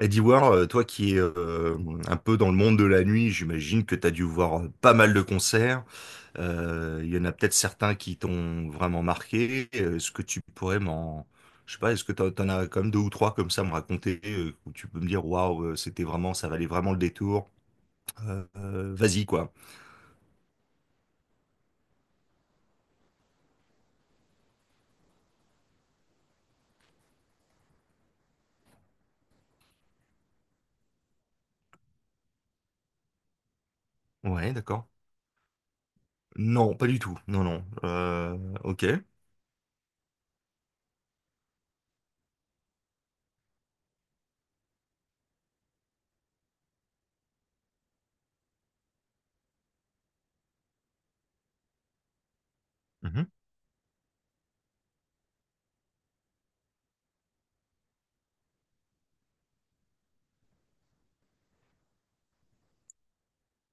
Eddie War, toi qui es, un peu dans le monde de la nuit. J'imagine que tu as dû voir pas mal de concerts. Il y en a peut-être certains qui t'ont vraiment marqué. Est-ce que tu pourrais m'en... Je sais pas, est-ce que t'en as quand même deux ou trois comme ça à me raconter, où tu peux me dire, waouh, c'était vraiment, ça valait vraiment le détour. Vas-y, quoi. Ouais, d'accord. Non, pas du tout. Non, non. Ok.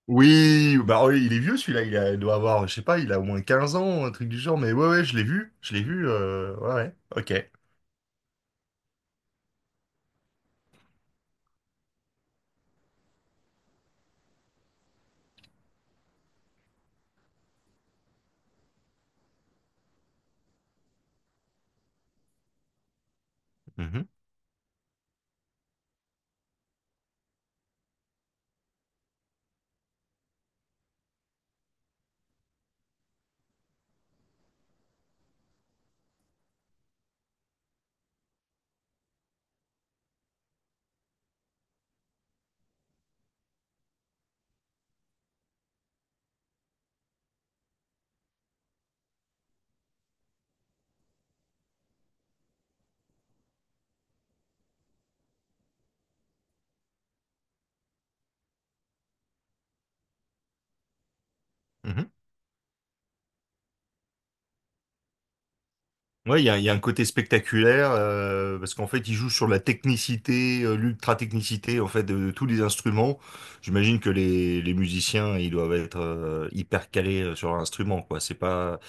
Oui, bah oui, il est vieux celui-là, il doit avoir, je sais pas, il a au moins 15 ans, un truc du genre, mais ouais, ouais, je l'ai vu, ouais, ouais, ok. Mhm. Mhm. Ouais, il y a un côté spectaculaire, parce qu'en fait, il joue sur la technicité, l'ultra-technicité, en fait, de tous les instruments. J'imagine que les musiciens, ils doivent être hyper calés sur l'instrument, quoi. C'est pas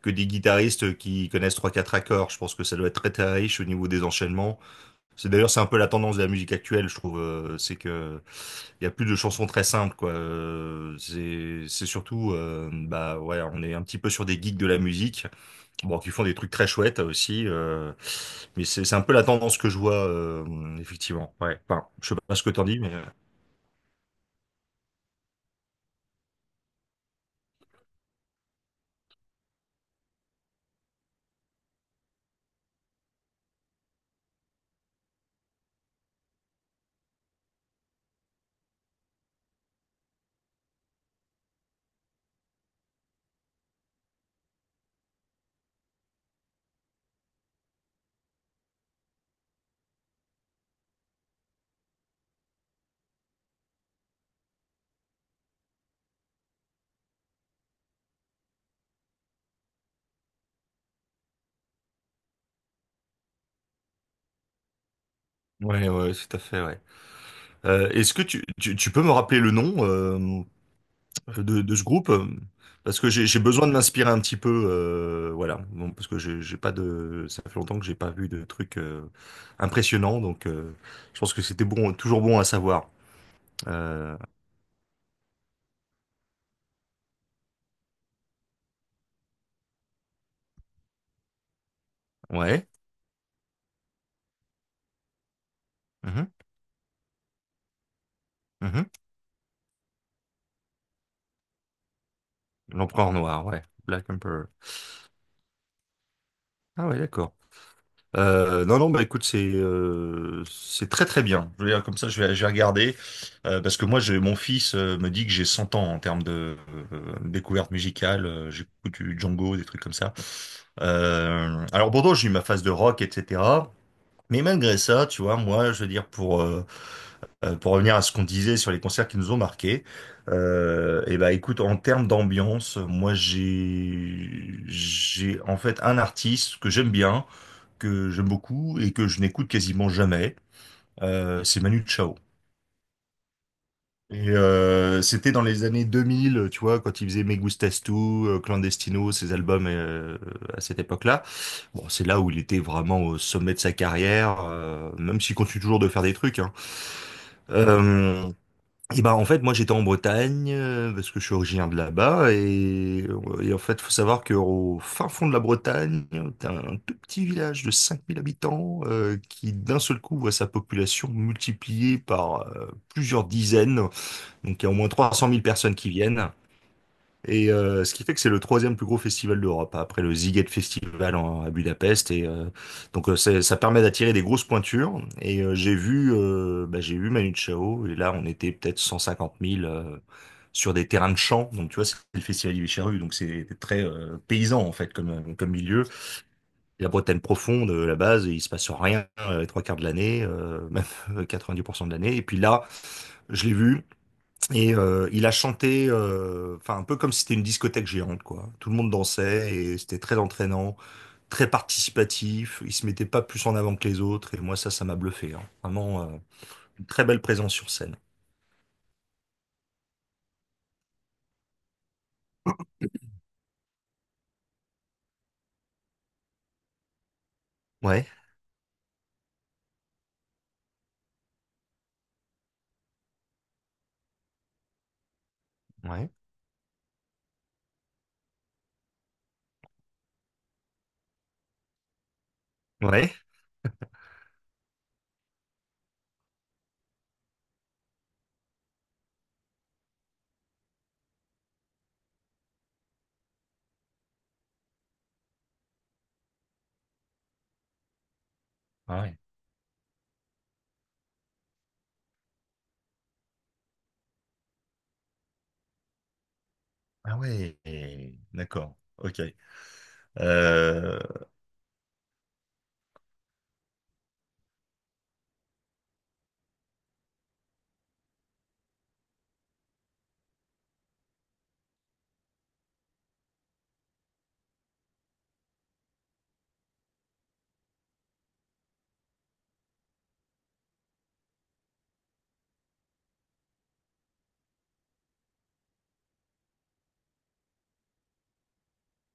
que des guitaristes qui connaissent trois quatre accords. Je pense que ça doit être très, très riche au niveau des enchaînements. C'est un peu la tendance de la musique actuelle, je trouve. C'est que il y a plus de chansons très simples, quoi. C'est surtout, bah ouais, on est un petit peu sur des geeks de la musique, bon, qui font des trucs très chouettes aussi, mais c'est un peu la tendance que je vois, effectivement. Ouais. Enfin, je sais pas ce que t'en dis, mais ouais, tout à fait, ouais. Est-ce que tu peux me rappeler le nom? De ce groupe, parce que j'ai besoin de m'inspirer un petit peu, voilà. Bon, parce que j'ai pas de... Ça fait longtemps que j'ai pas vu de trucs, impressionnants, donc, je pense que c'était bon, toujours bon à savoir. euh, ouais. Mhm. Mhm. L'Empereur Noir, ouais, Black Emperor. Ah ouais, d'accord. Non, non, bah écoute, c'est très très bien. Je veux dire, comme ça, je vais regarder, parce que moi, mon fils me dit que j'ai 100 ans en termes de, découverte musicale. J'écoute du Django, des trucs comme ça. Alors Bordeaux, j'ai eu ma phase de rock, etc. Mais malgré ça, tu vois, moi, je veux dire, pour revenir à ce qu'on disait sur les concerts qui nous ont marqués, et bah écoute, en termes d'ambiance, moi, j'ai en fait un artiste que j'aime bien, que j'aime beaucoup, et que je n'écoute quasiment jamais, c'est Manu Chao. Et, c'était dans les années 2000, tu vois, quand il faisait Me Gustas Tu, Clandestino, ses albums à cette époque-là. Bon, c'est là où il était vraiment au sommet de sa carrière, même s'il continue toujours de faire des trucs, hein. Euh, Et ben en fait, moi j'étais en Bretagne, parce que je suis originaire de là-bas. Et en fait, faut savoir qu'au fin fond de la Bretagne t'as un tout petit village de 5000 habitants, qui d'un seul coup voit sa population multipliée par, plusieurs dizaines. Donc il y a au moins 300 000 personnes qui viennent, et, ce qui fait que c'est le troisième plus gros festival d'Europe, hein, après le Sziget Festival à Budapest. Et, ça permet d'attirer des grosses pointures. Et, j'ai vu Manu Chao. Et là, on était peut-être 150 000, sur des terrains de champs. Donc tu vois, c'est le festival du Charru, donc c'est très paysan en fait, comme milieu. La Bretagne profonde, la base, il se passe rien les trois quarts de l'année, même 90% de l'année. Et puis là, je l'ai vu. Et, il a chanté, enfin, un peu comme si c'était une discothèque géante, quoi. Tout le monde dansait et c'était très entraînant, très participatif. Il se mettait pas plus en avant que les autres, et moi ça, ça m'a bluffé, hein. Vraiment, une très belle présence sur scène. Ouais, ouais, ouais. Ah ouais. Ah ouais, d'accord, ok. Euh,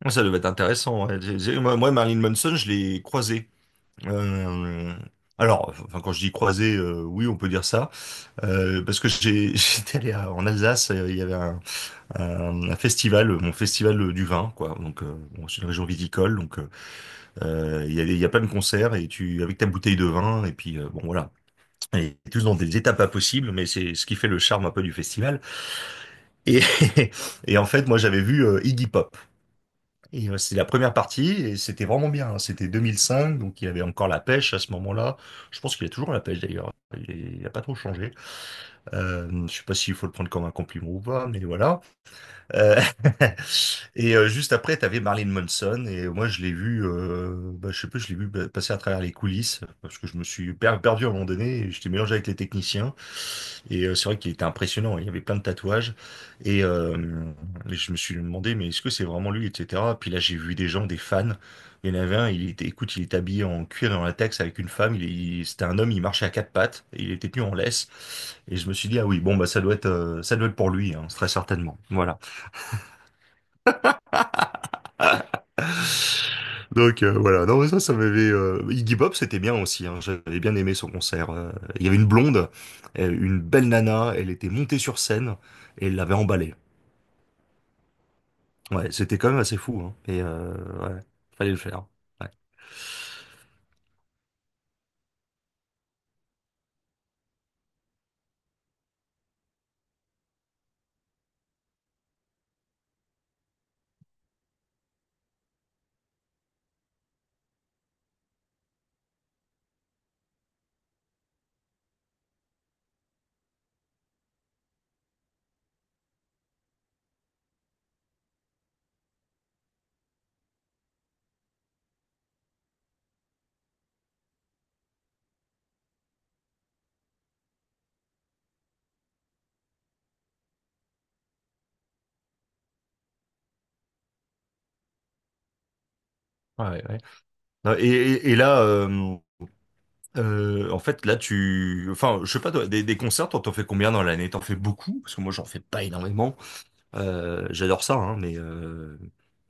Ça devait être intéressant, ouais. Marilyn Manson, je l'ai croisé. Euh, alors, enfin, quand je dis croisé, oui, on peut dire ça. Parce que j'étais allé en Alsace, il y avait un festival, mon festival du vin, quoi. Donc, bon, c'est une région viticole, donc, il y a plein de concerts, et avec ta bouteille de vin, et puis, bon, voilà. Et tous dans des étapes impossibles, mais c'est ce qui fait le charme un peu du festival. Et, en fait, moi, j'avais vu Iggy Pop. Et, c'est la première partie, et c'était vraiment bien, hein. C'était 2005, donc il y avait encore la pêche à ce moment-là. Je pense qu'il y a toujours la pêche d'ailleurs. Il a pas trop changé. Je sais pas s'il faut le prendre comme un compliment ou pas, mais voilà. Euh, et, juste après, tu avais Marilyn Manson. Et moi, je l'ai vu, bah, je sais plus, je l'ai vu, bah, passer à travers les coulisses, parce que je me suis perdu à un moment donné. Et j'étais mélangé avec les techniciens. Et, c'est vrai qu'il était impressionnant, hein. Il y avait plein de tatouages. Et, je me suis demandé, mais est-ce que c'est vraiment lui, etc. Puis là, j'ai vu des gens, des fans. Il y en avait un, écoute, il était habillé en cuir et en latex avec une femme. C'était un homme, il marchait à quatre pattes. Et il était tenu en laisse. Et je me suis dit, ah oui, bon, bah, ça doit être pour lui, hein, très certainement. Voilà. Donc, voilà. Non mais ça m'avait... Iggy Pop, c'était bien aussi, hein. J'avais bien aimé son concert. Il y avait une blonde, une belle nana. Elle était montée sur scène et elle l'avait emballée. Ouais, c'était quand même assez fou, hein. Et, ouais, fallait le faire. Ouais. Ouais, ouais. Non. Et là, en fait, là, enfin, je sais pas, toi, des concerts, toi, t'en fais combien dans l'année? T'en fais beaucoup? Parce que moi, j'en fais pas énormément. J'adore ça, hein,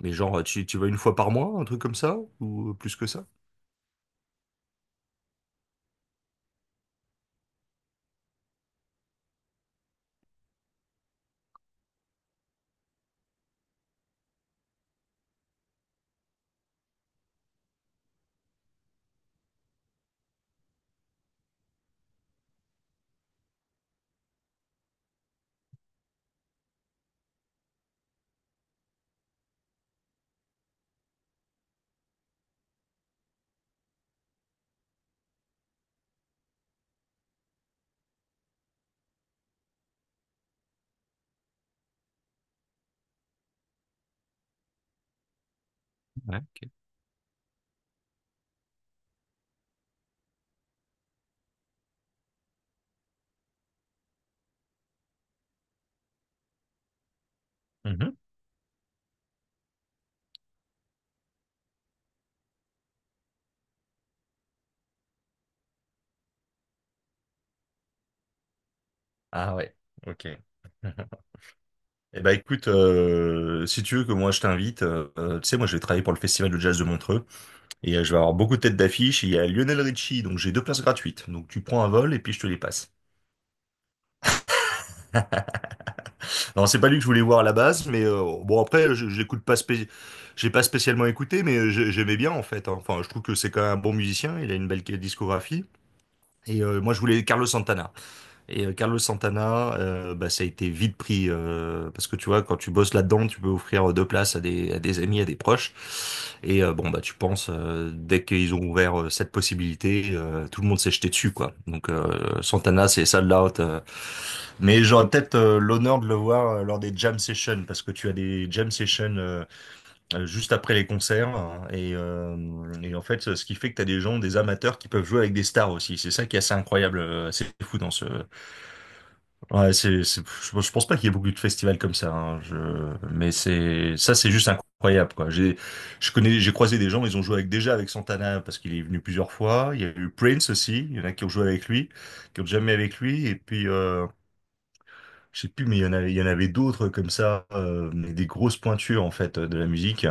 mais genre, tu vas une fois par mois, un truc comme ça, ou plus que ça? Mhm. Ah ouais, ok. Eh ben écoute, si tu veux que moi je t'invite, tu sais, moi je vais travailler pour le Festival de Jazz de Montreux, et, je vais avoir beaucoup de têtes d'affiche. Il y a Lionel Richie, donc j'ai deux places gratuites. Donc tu prends un vol et puis je te les passe. Non, c'est pas lui que je voulais voir à la base, mais, bon après, je l'écoute pas, j'ai pas spécialement écouté, mais, j'aimais bien en fait, hein. Enfin, je trouve que c'est quand même un bon musicien. Il a une belle discographie. Et, moi je voulais Carlos Santana. Et, Carlos Santana, bah, ça a été vite pris, parce que tu vois, quand tu bosses là-dedans, tu peux offrir deux places à à des amis, à des proches. Et, bon, bah tu penses, dès qu'ils ont ouvert cette possibilité, tout le monde s'est jeté dessus, quoi. Donc, Santana, c'est sold out. Mais j'aurais peut-être l'honneur de le voir lors des jam sessions, parce que tu as des jam sessions, juste après les concerts, hein, et en fait, ce qui fait que tu as des gens, des amateurs qui peuvent jouer avec des stars aussi. C'est ça qui est assez incroyable, assez fou dans ce... Ouais, c'est, je pense pas qu'il y ait beaucoup de festivals comme ça, hein. Mais ça, c'est juste incroyable, quoi. Je connais, j'ai croisé des gens, ils ont joué avec, déjà avec Santana, parce qu'il est venu plusieurs fois. Il y a eu Prince aussi. Il y en a qui ont joué avec lui, qui ont jamais avec lui. Et puis, je sais plus, mais il y en avait d'autres comme ça, mais des grosses pointures en fait de la musique.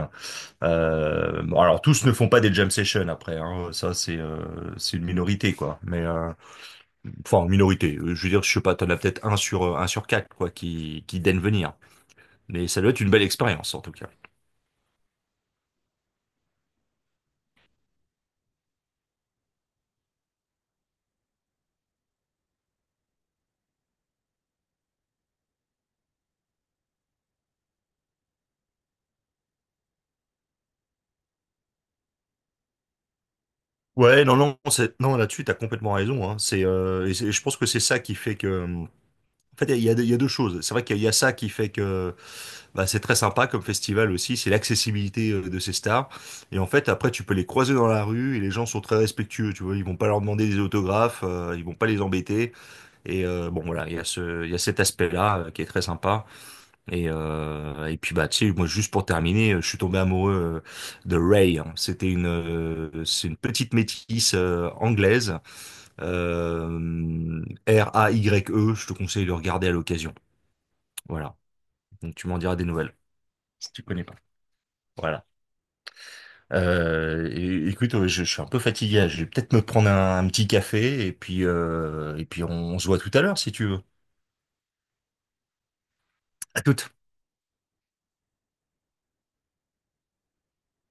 Bon, alors tous ne font pas des jam sessions après, hein. Ça, c'est une minorité, quoi. Mais, enfin, minorité. Je veux dire, je sais pas, t'en as peut-être un sur quatre, quoi, qui daigne venir. Mais ça doit être une belle expérience, en tout cas. Ouais, non, non, non, là-dessus, t'as complètement raison, hein. Je pense que c'est ça qui fait que, en fait, il y a deux choses. C'est vrai qu'il y a ça qui fait que, bah, c'est très sympa comme festival aussi. C'est l'accessibilité, de ces stars. Et en fait, après, tu peux les croiser dans la rue et les gens sont très respectueux, tu vois, ils vont pas leur demander des autographes, ils vont pas les embêter. Et, bon, voilà, il y a cet aspect-là, qui est très sympa. Et puis, bah tu sais, moi juste pour terminer, je suis tombé amoureux, de Ray, hein. C'est une petite métisse, anglaise, Raye. Je te conseille de regarder à l'occasion. Voilà. Donc tu m'en diras des nouvelles si tu connais pas. Voilà. Écoute, je suis un peu fatigué. Je vais peut-être me prendre un petit café, et puis, on se voit tout à l'heure si tu veux. À toute.